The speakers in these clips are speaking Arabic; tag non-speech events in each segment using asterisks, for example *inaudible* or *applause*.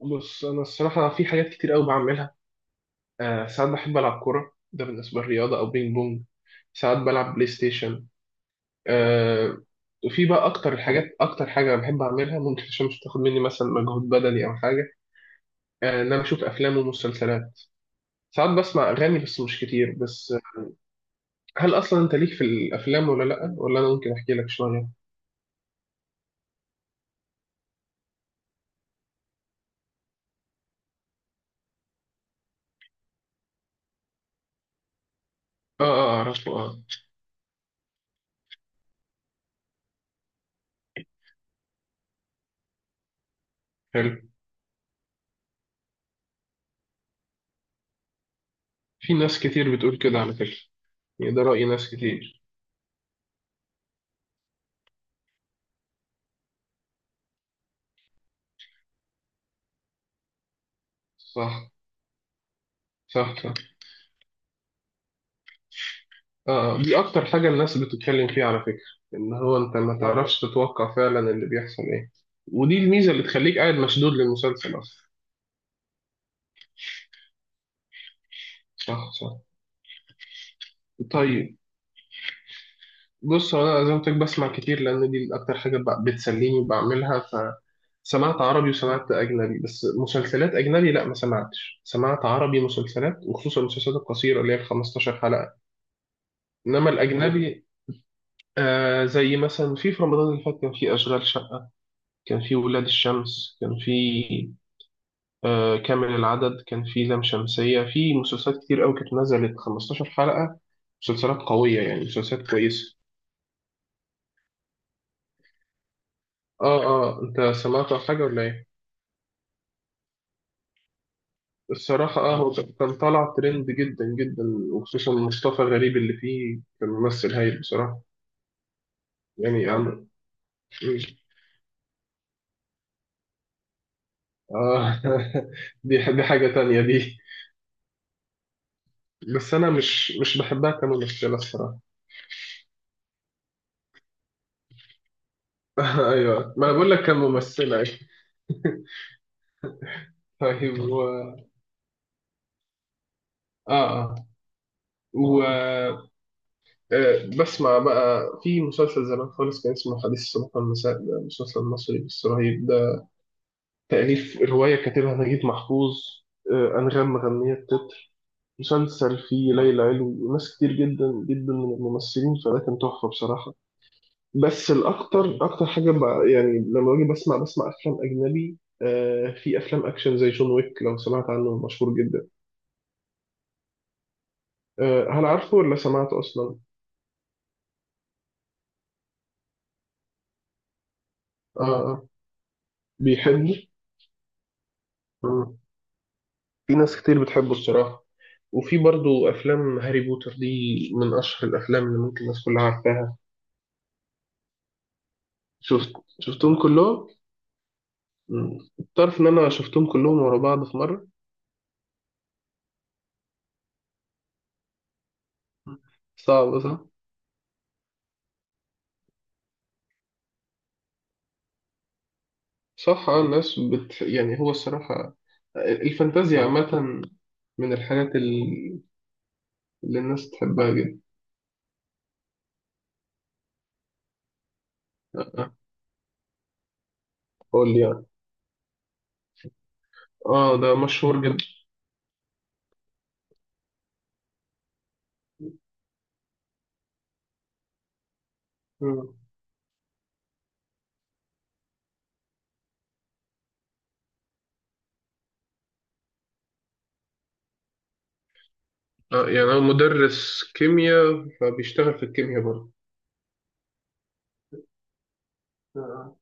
بص انا الصراحه في حاجات كتير قوي بعملها. ساعات بحب العب كوره، ده بالنسبه للرياضه، او بينج بونج. ساعات بلعب بلاي ستيشن. آه وفي بقى اكتر الحاجات، اكتر حاجه بحب اعملها ممكن عشان مش تاخد مني مثلا مجهود بدني او حاجه، ان انا بشوف افلام ومسلسلات. ساعات بسمع اغاني بس مش كتير. بس هل اصلا انت ليك في الافلام ولا لا، ولا انا ممكن احكي لك شويه؟ اه اه، اعرفه اه. حلو. في ناس كتير بتقول كده على فكره. يعني ده راي ناس كتير. صح صح صح. آه، دي أكتر حاجة الناس بتتكلم فيها على فكرة، إن هو أنت ما تعرفش تتوقع فعلا اللي بيحصل إيه. ودي الميزة اللي تخليك قاعد مشدود للمسلسل أصلا. صح صح. طيب، بص هو أنا زي ما قلت لك بسمع كتير لأن دي أكتر حاجة بتسليني وبعملها. فسمعت عربي وسمعت أجنبي، بس مسلسلات أجنبي لا ما سمعتش، سمعت عربي مسلسلات، وخصوصا المسلسلات القصيرة اللي هي ال 15 حلقة. إنما الأجنبي. آه، زي مثلا في رمضان اللي فات كان في أشغال شقة، كان في ولاد الشمس، كان في كامل العدد، كان في لام شمسية، في مسلسلات كتير قوي كانت نزلت 15 حلقة. مسلسلات قوية يعني مسلسلات كويسة. اه اه، انت سمعت عن حاجة ولا ايه؟ الصراحة اه هو كان طالع ترند جدا جدا. وخصوصا مصطفى غريب اللي فيه، كان ممثل هايل بصراحة. يعني عم... اه *laughs* دي حاجة تانية دي. بس انا مش بحبها كممثلة الصراحة. *laughs* ايوه ما أنا بقول لك كممثلة. *laughs* طيب اه اه، بسمع بقى في مسلسل زمان خالص كان اسمه حديث الصباح والمساء، ده مسلسل مصري بس رهيب ده. تأليف رواية كاتبها نجيب محفوظ. آه، أنغام مغنية التتر. مسلسل فيه ليلى علوي وناس كتير جدا جدا من الممثلين، فده كان تحفة بصراحة. بس الأكتر، أكتر حاجة بقى يعني لما باجي بسمع، بسمع أفلام أجنبي، آه، في أفلام أكشن زي جون ويك، لو سمعت عنه مشهور جدا. آه، هل عارفه ولا سمعته أصلا؟ آه اه آه بيحبه؟ في ناس كتير بتحبه الصراحة. وفي برضو أفلام هاري بوتر دي، من أشهر الأفلام اللي ممكن الناس كلها عارفاها. شفت، شفتهم كلهم؟ مم. تعرف إن أنا شفتهم كلهم ورا بعض في مرة؟ صعب صح؟ صح، آه، الناس يعني هو الصراحة الفانتازيا عامة من الحاجات اللي الناس تحبها جدا. آه، قول لي يعني. آه، ده مشهور جدا. مم. آه يعني هو مدرس كيمياء فبيشتغل في الكيمياء. برضه.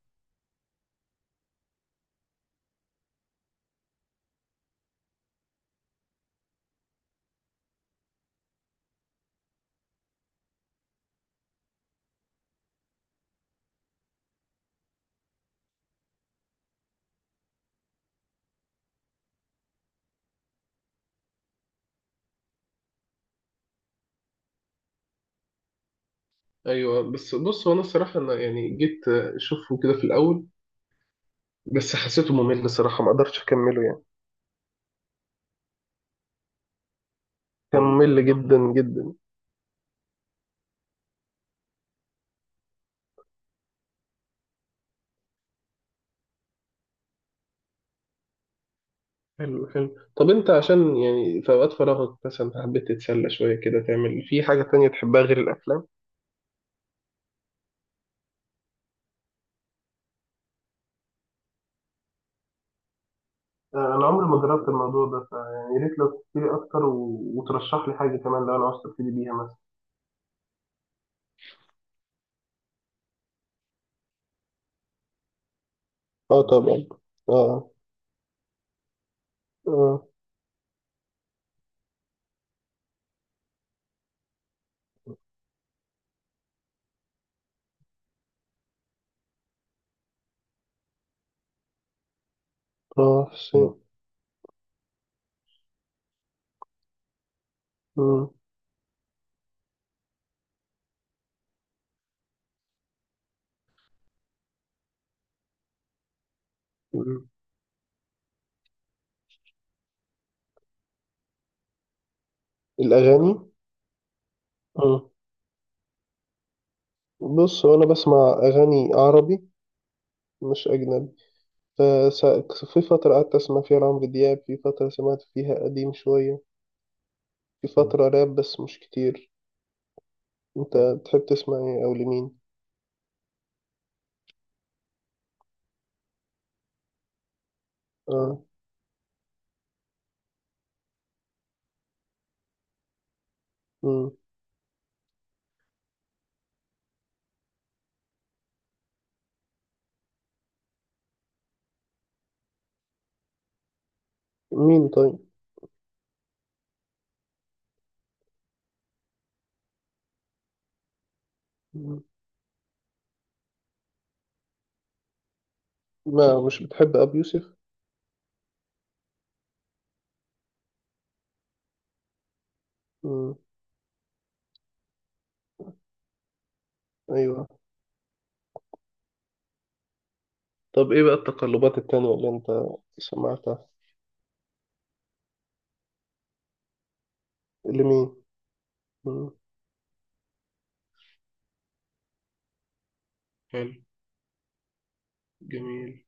ايوه بس بص هو انا الصراحه انا يعني جيت اشوفه كده في الاول، بس حسيته ممل الصراحه، ما قدرتش اكمله يعني. كان ممل جدا جدا. حلو حلو. طب انت عشان يعني في اوقات فراغك مثلا حبيت تتسلى شويه كده، تعمل في حاجه تانية تحبها غير الافلام؟ آه، انا عمري ما جربت الموضوع ده، فيعني يا ريت لو تحكي لي اكتر وترشح لي حاجه كمان لو انا عاوز ابتدي بيها مثلا. اه طبعا. اه اه. اه شيء. مم. مم. الاغاني. مم. بص هو انا بسمع اغاني عربي مش أجنبي. في فترة قعدت أسمع فيها عمرو دياب، في فترة سمعت فيها قديم شوية، في فترة راب بس مش كتير. أنت بتحب تسمع إيه أو لمين؟ آه. مم. مين طيب؟ مم. ما مش بتحب أبي يوسف؟ مم. أيوه. طب إيه بقى التقلبات التانية اللي أنت سمعتها؟ لمين؟ مم. حلو. جميل.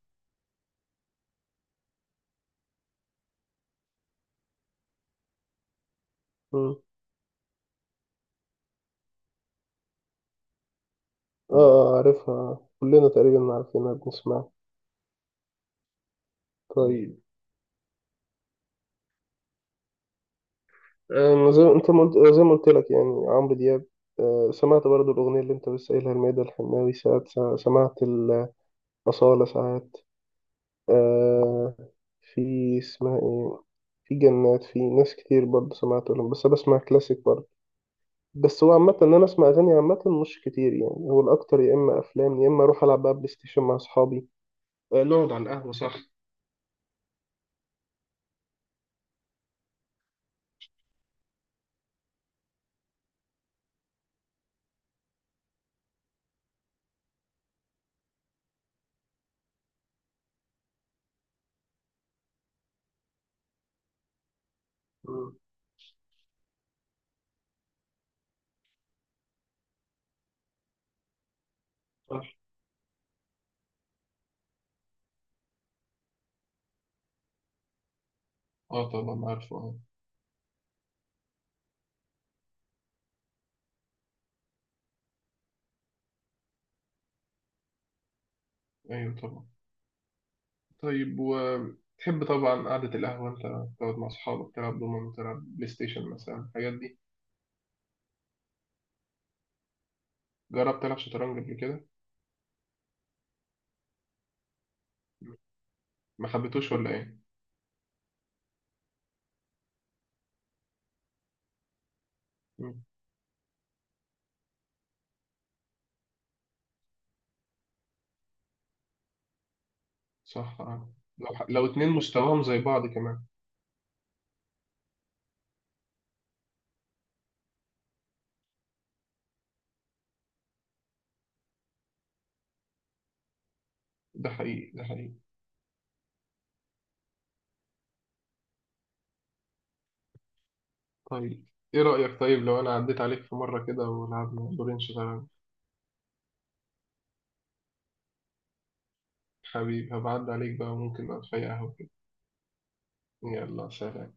مم. آه آه عارفها، كلنا تقريبا عارفينها بنسمعها. طيب، أنا زي انت ما قلت- زي ما قلت لك يعني عمرو دياب، آه، سمعت برضو الأغنية اللي أنت لسه قايلها الميادة الحناوي ساعات، سمعت الأصالة ساعات، آه، في اسمها إيه، في جنات، في ناس كتير برضو سمعت لهم، بس أنا بسمع كلاسيك برضو. بس هو عامة إن أنا أسمع أغاني عامة مش كتير، يعني هو الأكتر يا إما أفلام يا إما أروح ألعب بقى بلاي ستيشن مع أصحابي، آه، نقعد على القهوة صح. مم، صح. اه طبعا عارفه اه. ايوه طبعا. طيب وتحب طبعا قعدة القهوة، أنت تقعد مع أصحابك تلعب دومنة، تلعب بلاي ستيشن مثلا، الحاجات دي. جربت تلعب شطرنج قبل كده؟ ما حبيتوش ولا إيه؟ مم. صح آه. لو لو اتنين مستواهم زي بعض كمان. ده حقيقي ده حقيقي. طيب إيه رأيك طيب لو أنا عديت عليك في مرة كده ولعبنا دورين شطرنج؟ حبيبي هبعد عليك بقى، ممكن نقعد في أي قهوة كده. يلا سلام.